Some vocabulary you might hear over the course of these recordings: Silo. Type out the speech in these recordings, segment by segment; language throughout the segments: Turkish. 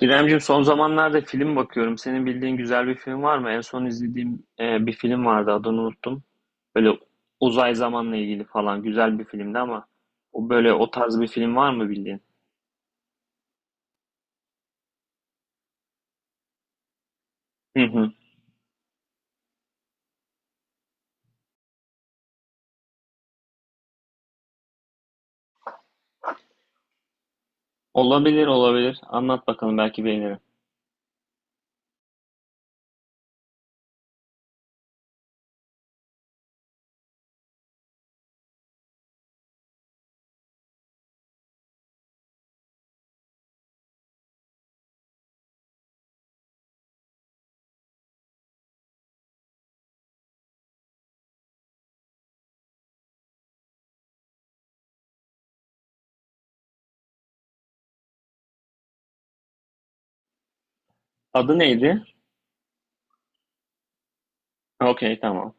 İremciğim son zamanlarda film bakıyorum. Senin bildiğin güzel bir film var mı? En son izlediğim bir film vardı adını unuttum. Böyle uzay zamanla ilgili falan güzel bir filmdi ama o böyle o tarz bir film var mı bildiğin? Hı hı. Olabilir olabilir. Anlat bakalım belki beğenirim. Adı neydi? Okey tamam.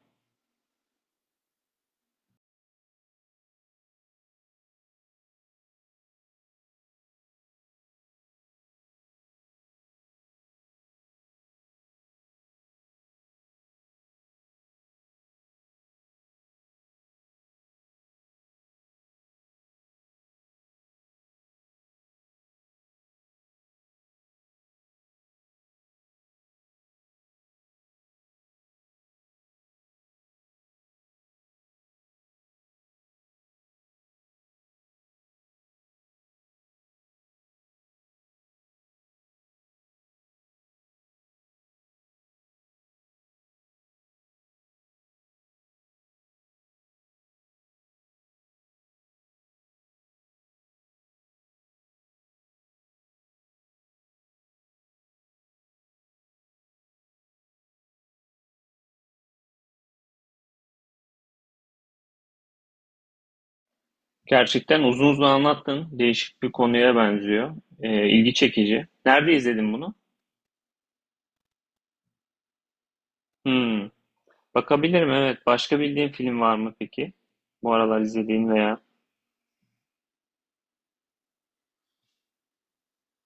Gerçekten uzun uzun anlattın. Değişik bir konuya benziyor. İlgi çekici. Nerede izledin bunu? Hmm. Bakabilirim evet. Başka bildiğin film var mı peki? Bu aralar izlediğin veya...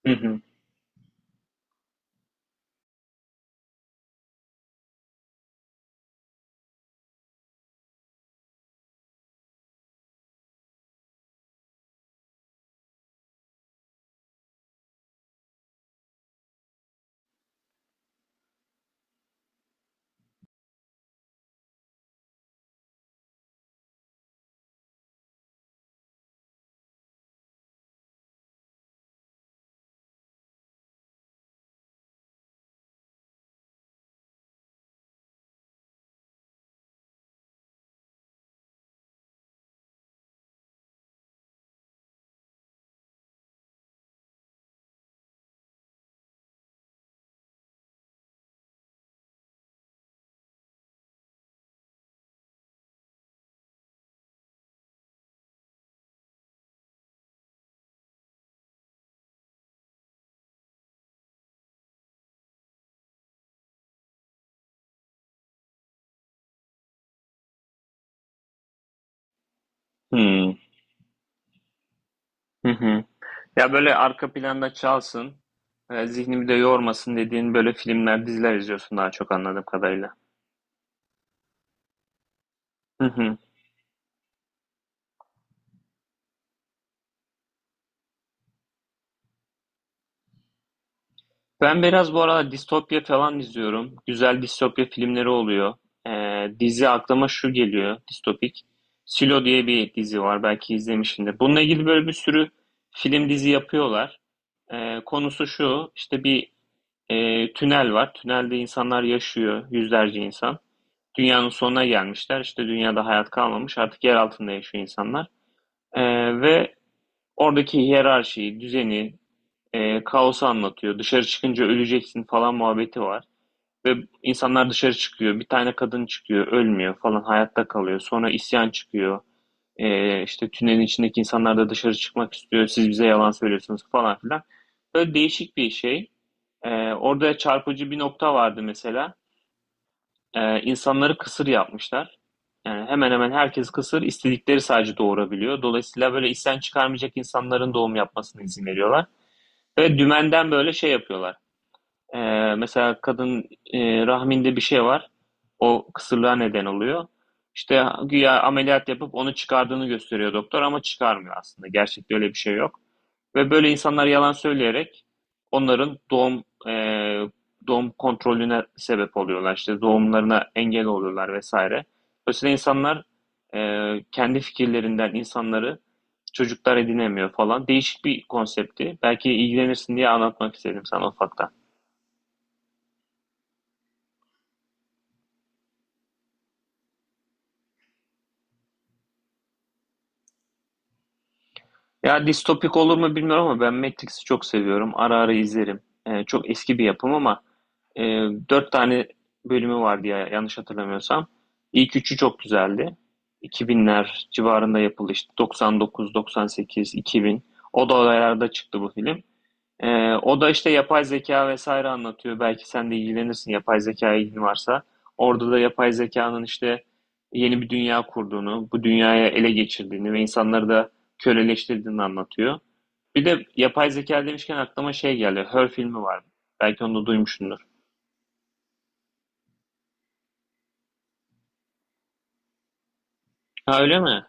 Hı hı. Hmm. Hı hı. Ya böyle arka planda çalsın, zihnimi de yormasın dediğin böyle filmler, diziler izliyorsun daha çok anladığım kadarıyla. Hı hı. Ben biraz bu arada distopya falan izliyorum. Güzel distopya filmleri oluyor. E, Dizi aklıma şu geliyor, distopik. Silo diye bir dizi var, belki izlemişsindir. Bununla ilgili böyle bir sürü film dizi yapıyorlar. Konusu şu, işte bir tünel var. Tünelde insanlar yaşıyor, yüzlerce insan. Dünyanın sonuna gelmişler. İşte dünyada hayat kalmamış. Artık yer altında yaşıyor insanlar. E, ve oradaki hiyerarşiyi, düzeni, kaosu anlatıyor. Dışarı çıkınca öleceksin falan muhabbeti var. Ve insanlar dışarı çıkıyor. Bir tane kadın çıkıyor, ölmüyor falan. Hayatta kalıyor. Sonra isyan çıkıyor. İşte tünelin içindeki insanlar da dışarı çıkmak istiyor. Siz bize yalan söylüyorsunuz falan filan. Böyle değişik bir şey. Orada çarpıcı bir nokta vardı mesela. İnsanları kısır yapmışlar. Hemen hemen herkes kısır, istedikleri sadece doğurabiliyor. Dolayısıyla böyle isten çıkarmayacak insanların doğum yapmasına izin veriyorlar. Ve dümenden böyle şey yapıyorlar. Mesela kadın rahminde bir şey var. O kısırlığa neden oluyor. İşte güya ameliyat yapıp onu çıkardığını gösteriyor doktor ama çıkarmıyor aslında. Gerçekte öyle bir şey yok. Ve böyle insanlar yalan söyleyerek onların doğum kontrolüne sebep oluyorlar. İşte doğumlarına engel oluyorlar vesaire. Dolayısıyla insanlar kendi fikirlerinden insanları çocuklar edinemiyor falan. Değişik bir konsepti. Belki ilgilenirsin diye anlatmak istedim sana ufaktan. Ya distopik olur mu bilmiyorum ama ben Matrix'i çok seviyorum. Ara ara izlerim. Çok eski bir yapım ama e, dört tane bölümü vardı ya yanlış hatırlamıyorsam. İlk üçü çok güzeldi. 2000'ler civarında yapıldı işte 99, 98, 2000. O dolaylarda çıktı bu film. O da işte yapay zeka vesaire anlatıyor. Belki sen de ilgilenirsin yapay zekaya ilgin varsa. Orada da yapay zekanın işte yeni bir dünya kurduğunu, bu dünyaya ele geçirdiğini ve insanları da köleleştirdiğini anlatıyor. Bir de yapay zeka demişken aklıma şey geldi. Her filmi var. Belki onu da duymuşsundur. Ha öyle mi?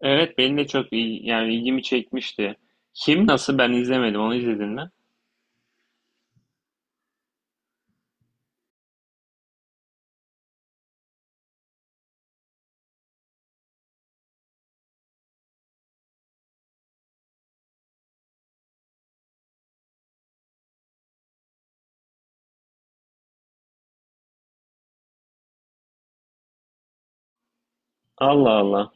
Evet benim de çok yani ilgimi çekmişti. Kim nasıl ben izlemedim. Onu izledin mi? Allah Allah.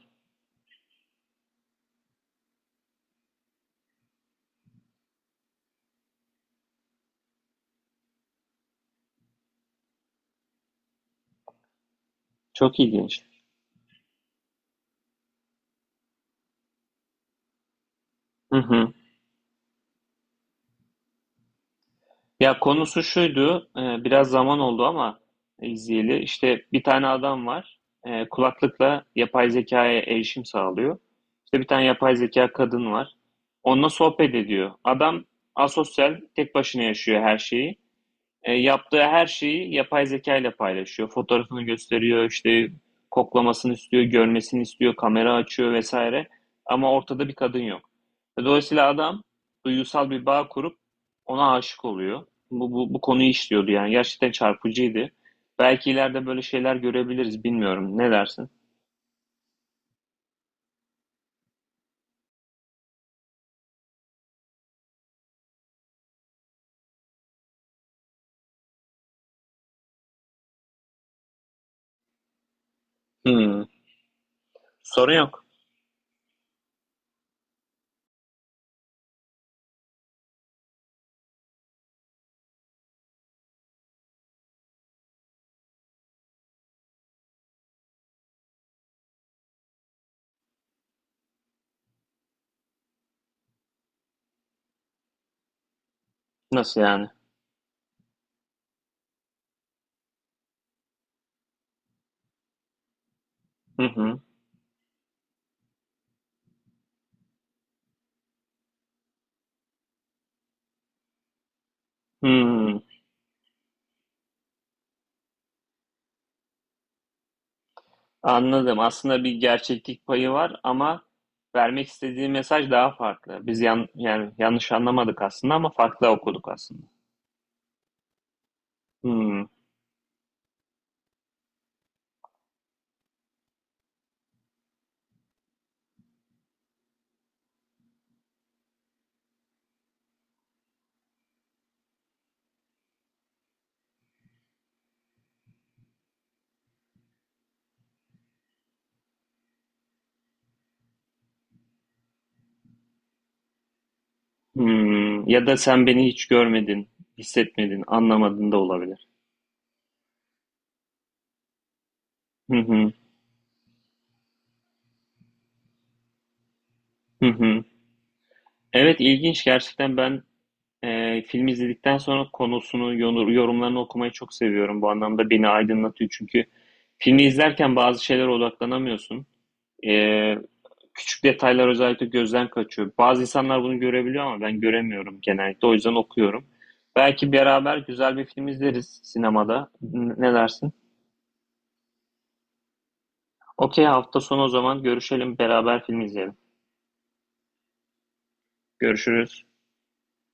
Çok ilginç. Hı hı. Ya konusu şuydu, biraz zaman oldu ama izleyeli. İşte bir tane adam var, kulaklıkla yapay zekaya erişim sağlıyor. İşte bir tane yapay zeka kadın var. Onunla sohbet ediyor. Adam asosyal, tek başına yaşıyor her şeyi. Yaptığı her şeyi yapay zeka ile paylaşıyor. Fotoğrafını gösteriyor, işte koklamasını istiyor, görmesini istiyor, kamera açıyor vesaire. Ama ortada bir kadın yok. Dolayısıyla adam duygusal bir bağ kurup ona aşık oluyor. Bu konuyu işliyordu yani. Gerçekten çarpıcıydı. Belki ileride böyle şeyler görebiliriz, bilmiyorum. Ne dersin? Hmm. Sorun yok. Nasıl yani? Hı hı. Hmm. Anladım. Aslında bir gerçeklik payı var ama vermek istediği mesaj daha farklı. Biz yani yanlış anlamadık aslında ama farklı okuduk aslında. Hmm, hmm. Ya da sen beni hiç görmedin, hissetmedin, anlamadın da olabilir. Hı hı, hı hı. Evet ilginç gerçekten ben film izledikten sonra konusunu, yorumlarını okumayı çok seviyorum. Bu anlamda beni aydınlatıyor çünkü filmi izlerken bazı şeylere odaklanamıyorsun. E, Küçük detaylar özellikle gözden kaçıyor. Bazı insanlar bunu görebiliyor ama ben göremiyorum genellikle. O yüzden okuyorum. Belki beraber güzel bir film izleriz sinemada. Ne dersin? Okey hafta sonu o zaman görüşelim beraber film izleyelim. Görüşürüz.